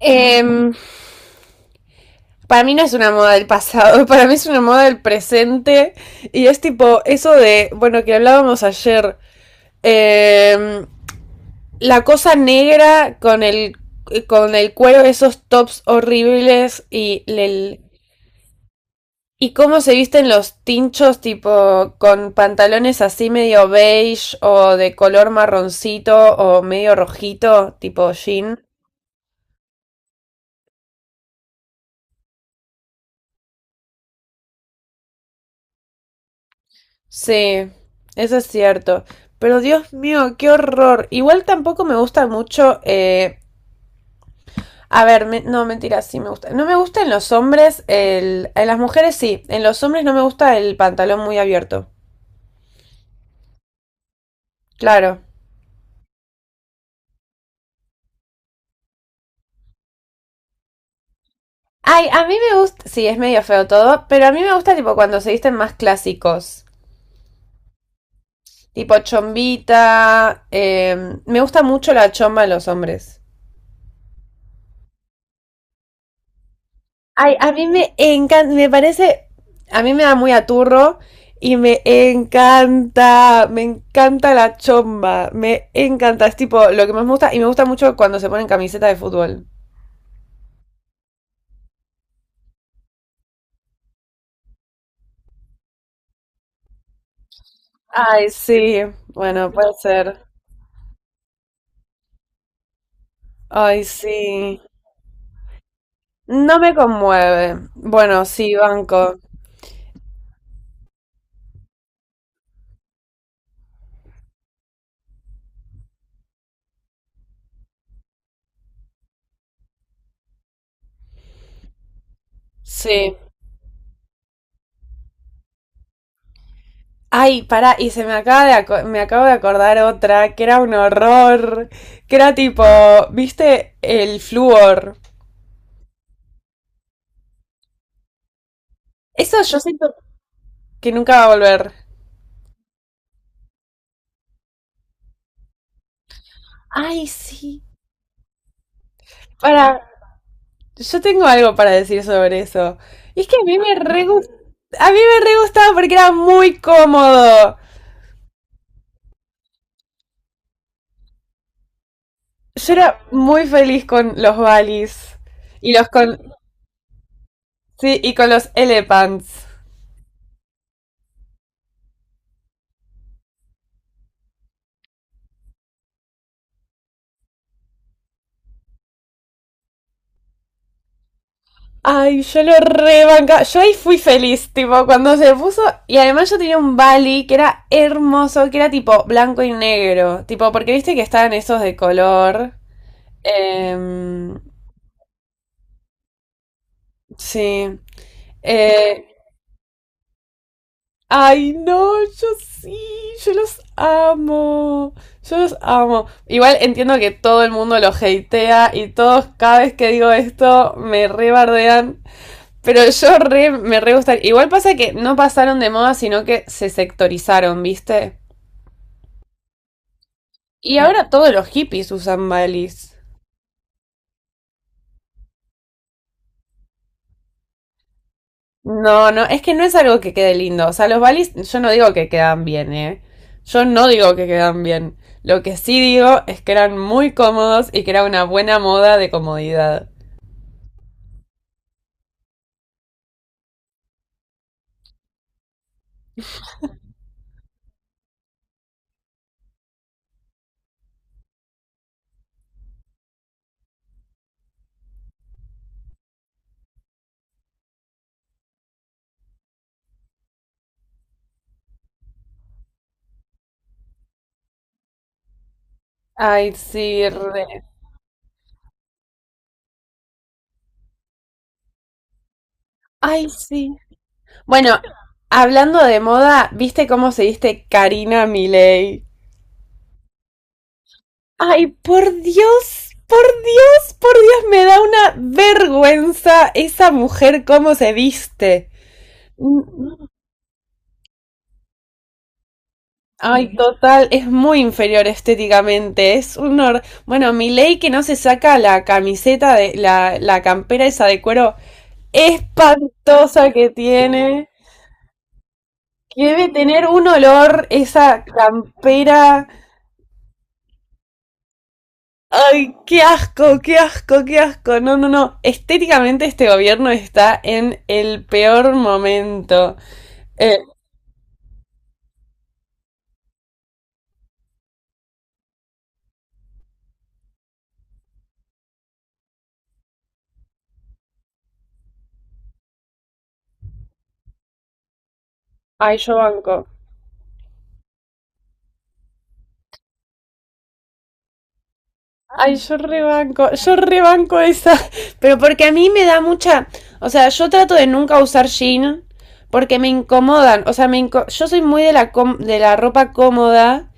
Em, para mí no es una moda del pasado, para mí es una moda del presente. Y es tipo eso de, bueno, que hablábamos ayer. em, la cosa negra con el cuero, de esos tops horribles y Y cómo se visten los tinchos, tipo con pantalones así medio beige o de color marroncito o medio rojito, tipo jean. Sí, eso es cierto. Pero Dios mío, qué horror. Igual tampoco me gusta mucho. A ver, no, mentira, sí me gusta. No me gusta en los hombres, en las mujeres sí. En los hombres no me gusta el pantalón muy abierto. Claro. Ay, a mí me gusta. Sí, es medio feo todo, pero a mí me gusta tipo cuando se visten más clásicos. Tipo chombita. Me gusta mucho la chomba en los hombres. Ay, a mí me encanta, me parece, a mí me da muy aturro y me encanta la chomba, me encanta, es tipo lo que más me gusta y me gusta mucho cuando se ponen camiseta de fútbol. Ay, sí, bueno, puede ser. Ay, sí. No me conmueve. Bueno, sí, banco. Sí. Ay, pará, y se me acaba de me acabo de acordar otra que era un horror, que era tipo, ¿viste? El flúor. Eso yo siento que nunca va a volver. Ay, sí. Para, yo tengo algo para decir sobre eso. Y es que a mí a mí me re gustaba porque era muy cómodo. Yo era muy feliz con los Valis y los con sí, y con los Elephants. Ay, yo lo rebanca. Yo ahí fui feliz, tipo, cuando se puso. Y además yo tenía un Bali que era hermoso, que era tipo blanco y negro. Tipo, porque viste que estaban esos de color. Em, sí. Eh, ay, no, yo sí, yo los amo, yo los amo. Igual entiendo que todo el mundo los hatea y todos cada vez que digo esto me rebardean, pero me re gusta. Igual pasa que no pasaron de moda, sino que se sectorizaron, ¿viste? Y ahora todos los hippies usan balis. No, no, es que no es algo que quede lindo. O sea, los balis, yo no digo que quedan bien, ¿eh? Yo no digo que quedan bien. Lo que sí digo es que eran muy cómodos y que era una buena moda de comodidad. Ay, sí, re. Ay, sí. Bueno, hablando de moda, ¿viste cómo se viste Karina Milei? Ay, por Dios, por Dios, por Dios, me da una vergüenza esa mujer cómo se viste. Mm, Ay, total, es muy inferior estéticamente, es un bueno, Milei que no se saca la camiseta de la campera esa de cuero espantosa que tiene, que debe tener un olor esa campera. Ay, qué asco, qué asco, qué asco. No, no, no. Estéticamente este gobierno está en el peor momento. Eh, ay, yo banco. Ay, yo rebanco esa. Pero porque a mí me da mucha. O sea, yo trato de nunca usar jean porque me incomodan. O sea, yo soy muy de la ropa cómoda.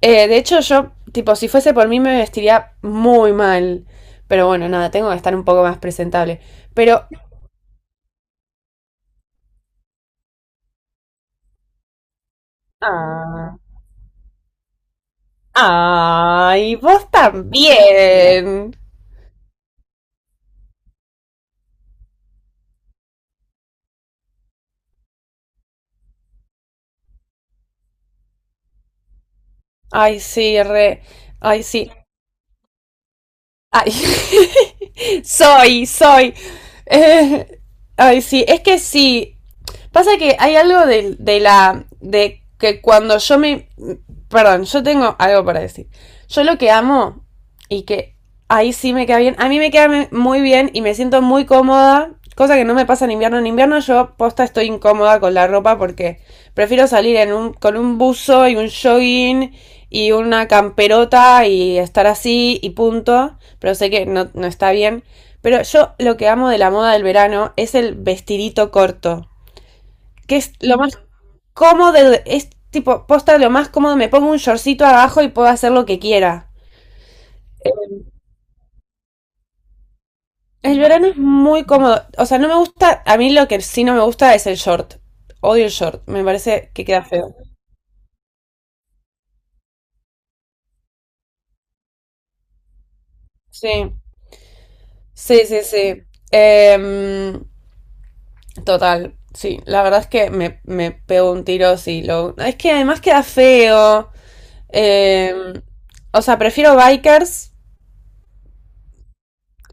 De hecho, yo, tipo, si fuese por mí me vestiría muy mal. Pero bueno, nada, tengo que estar un poco más presentable. Pero. Ah. Ay, vos también. Ay, sí, re. Ay, sí. Ay, soy, soy. Eh, ay, sí, es que sí. Pasa que hay algo de la. De que cuando yo me. Perdón, yo tengo algo para decir. Yo lo que amo y que ahí sí me queda bien. A mí muy bien y me siento muy cómoda. Cosa que no me pasa en invierno. En invierno yo posta estoy incómoda con la ropa porque prefiero salir en con un buzo y un jogging y una camperota y estar así y punto, pero sé que no, no está bien. Pero yo lo que amo de la moda del verano es el vestidito corto, que es lo más cómodo, es tipo, posta lo más cómodo, me pongo un shortcito abajo y puedo hacer lo que quiera. El verano es muy cómodo, o sea, no me gusta, a mí lo que sí no me gusta es el short, odio el short, me parece que queda feo. Sí, sí, sí, sí. Em, total, sí. La verdad es que me pego un tiro si lo. Es que además queda feo. Eh, o sea, prefiero bikers.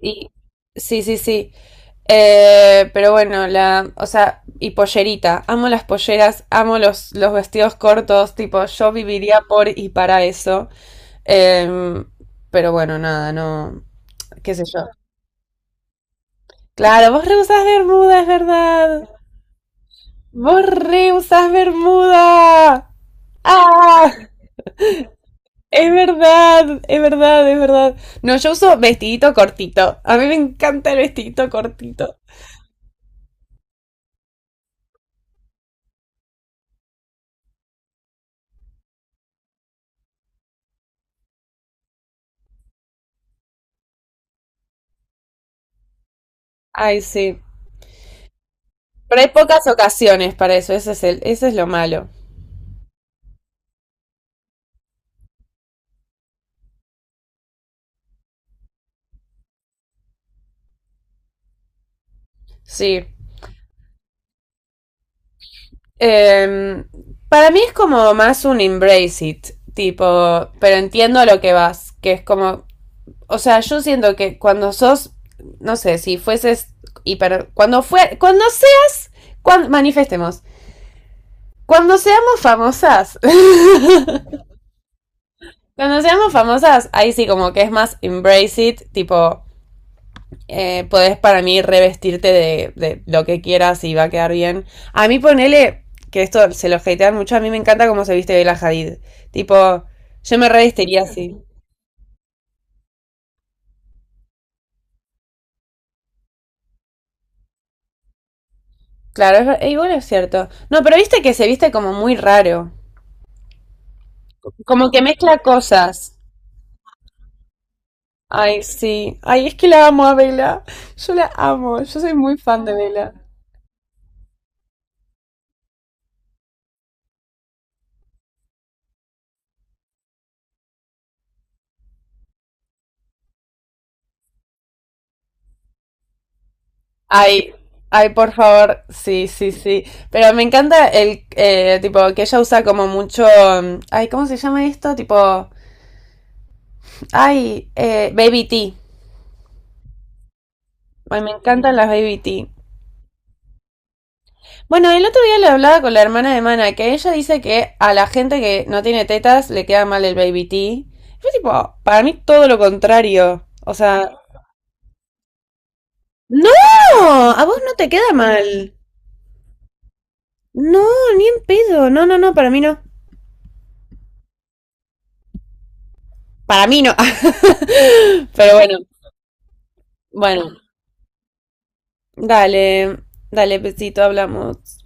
Y. Sí, sí, sí. Pero bueno, la. O sea, y pollerita. Amo las polleras, amo los vestidos cortos. Tipo, yo viviría por y para eso. Eh, pero bueno, nada, no. ¿Qué sé yo? Claro, vos rehusás Bermuda, es verdad. Borré usas bermuda. Ah, es verdad, es verdad, es verdad. No, yo uso vestidito cortito. A mí me encanta el vestidito cortito. Ay, sí. Pero hay pocas ocasiones para eso, ese es el, ese es lo malo. Sí. Em, para mí es como más un embrace it, tipo, pero entiendo a lo que vas, que es como o sea, yo siento que cuando sos, no sé, si fueses hiper, cuando fue, cuando seas, cuando, manifestemos, cuando seamos famosas, cuando seamos famosas, ahí sí como que es más embrace it, tipo, podés para mí revestirte de lo que quieras y va a quedar bien. A mí ponele, que esto se lo hatean mucho, a mí me encanta cómo se viste Bella Hadid, tipo, yo me revestiría así. Claro, igual es cierto. No, pero viste que se viste como muy raro. Como que mezcla cosas. Ay, sí. Ay, es que la amo a Bella. Yo la amo. Yo soy muy fan de Bella. Ay, ay, por favor. Sí, sí, sí. Pero me encanta el tipo que ella usa como mucho. Ay, ¿cómo se llama esto? Tipo. Ay, baby tea. Ay, me encantan las baby tea. Bueno, el otro día le hablaba con la hermana de Mana que ella dice que a la gente que no tiene tetas le queda mal el baby tea. Fue tipo, para mí todo lo contrario. O sea, no, a vos no te queda mal. No, ni en pedo. No, no, no, para mí no. Para mí no. Pero bueno, bueno. Dale, dale, besito, hablamos.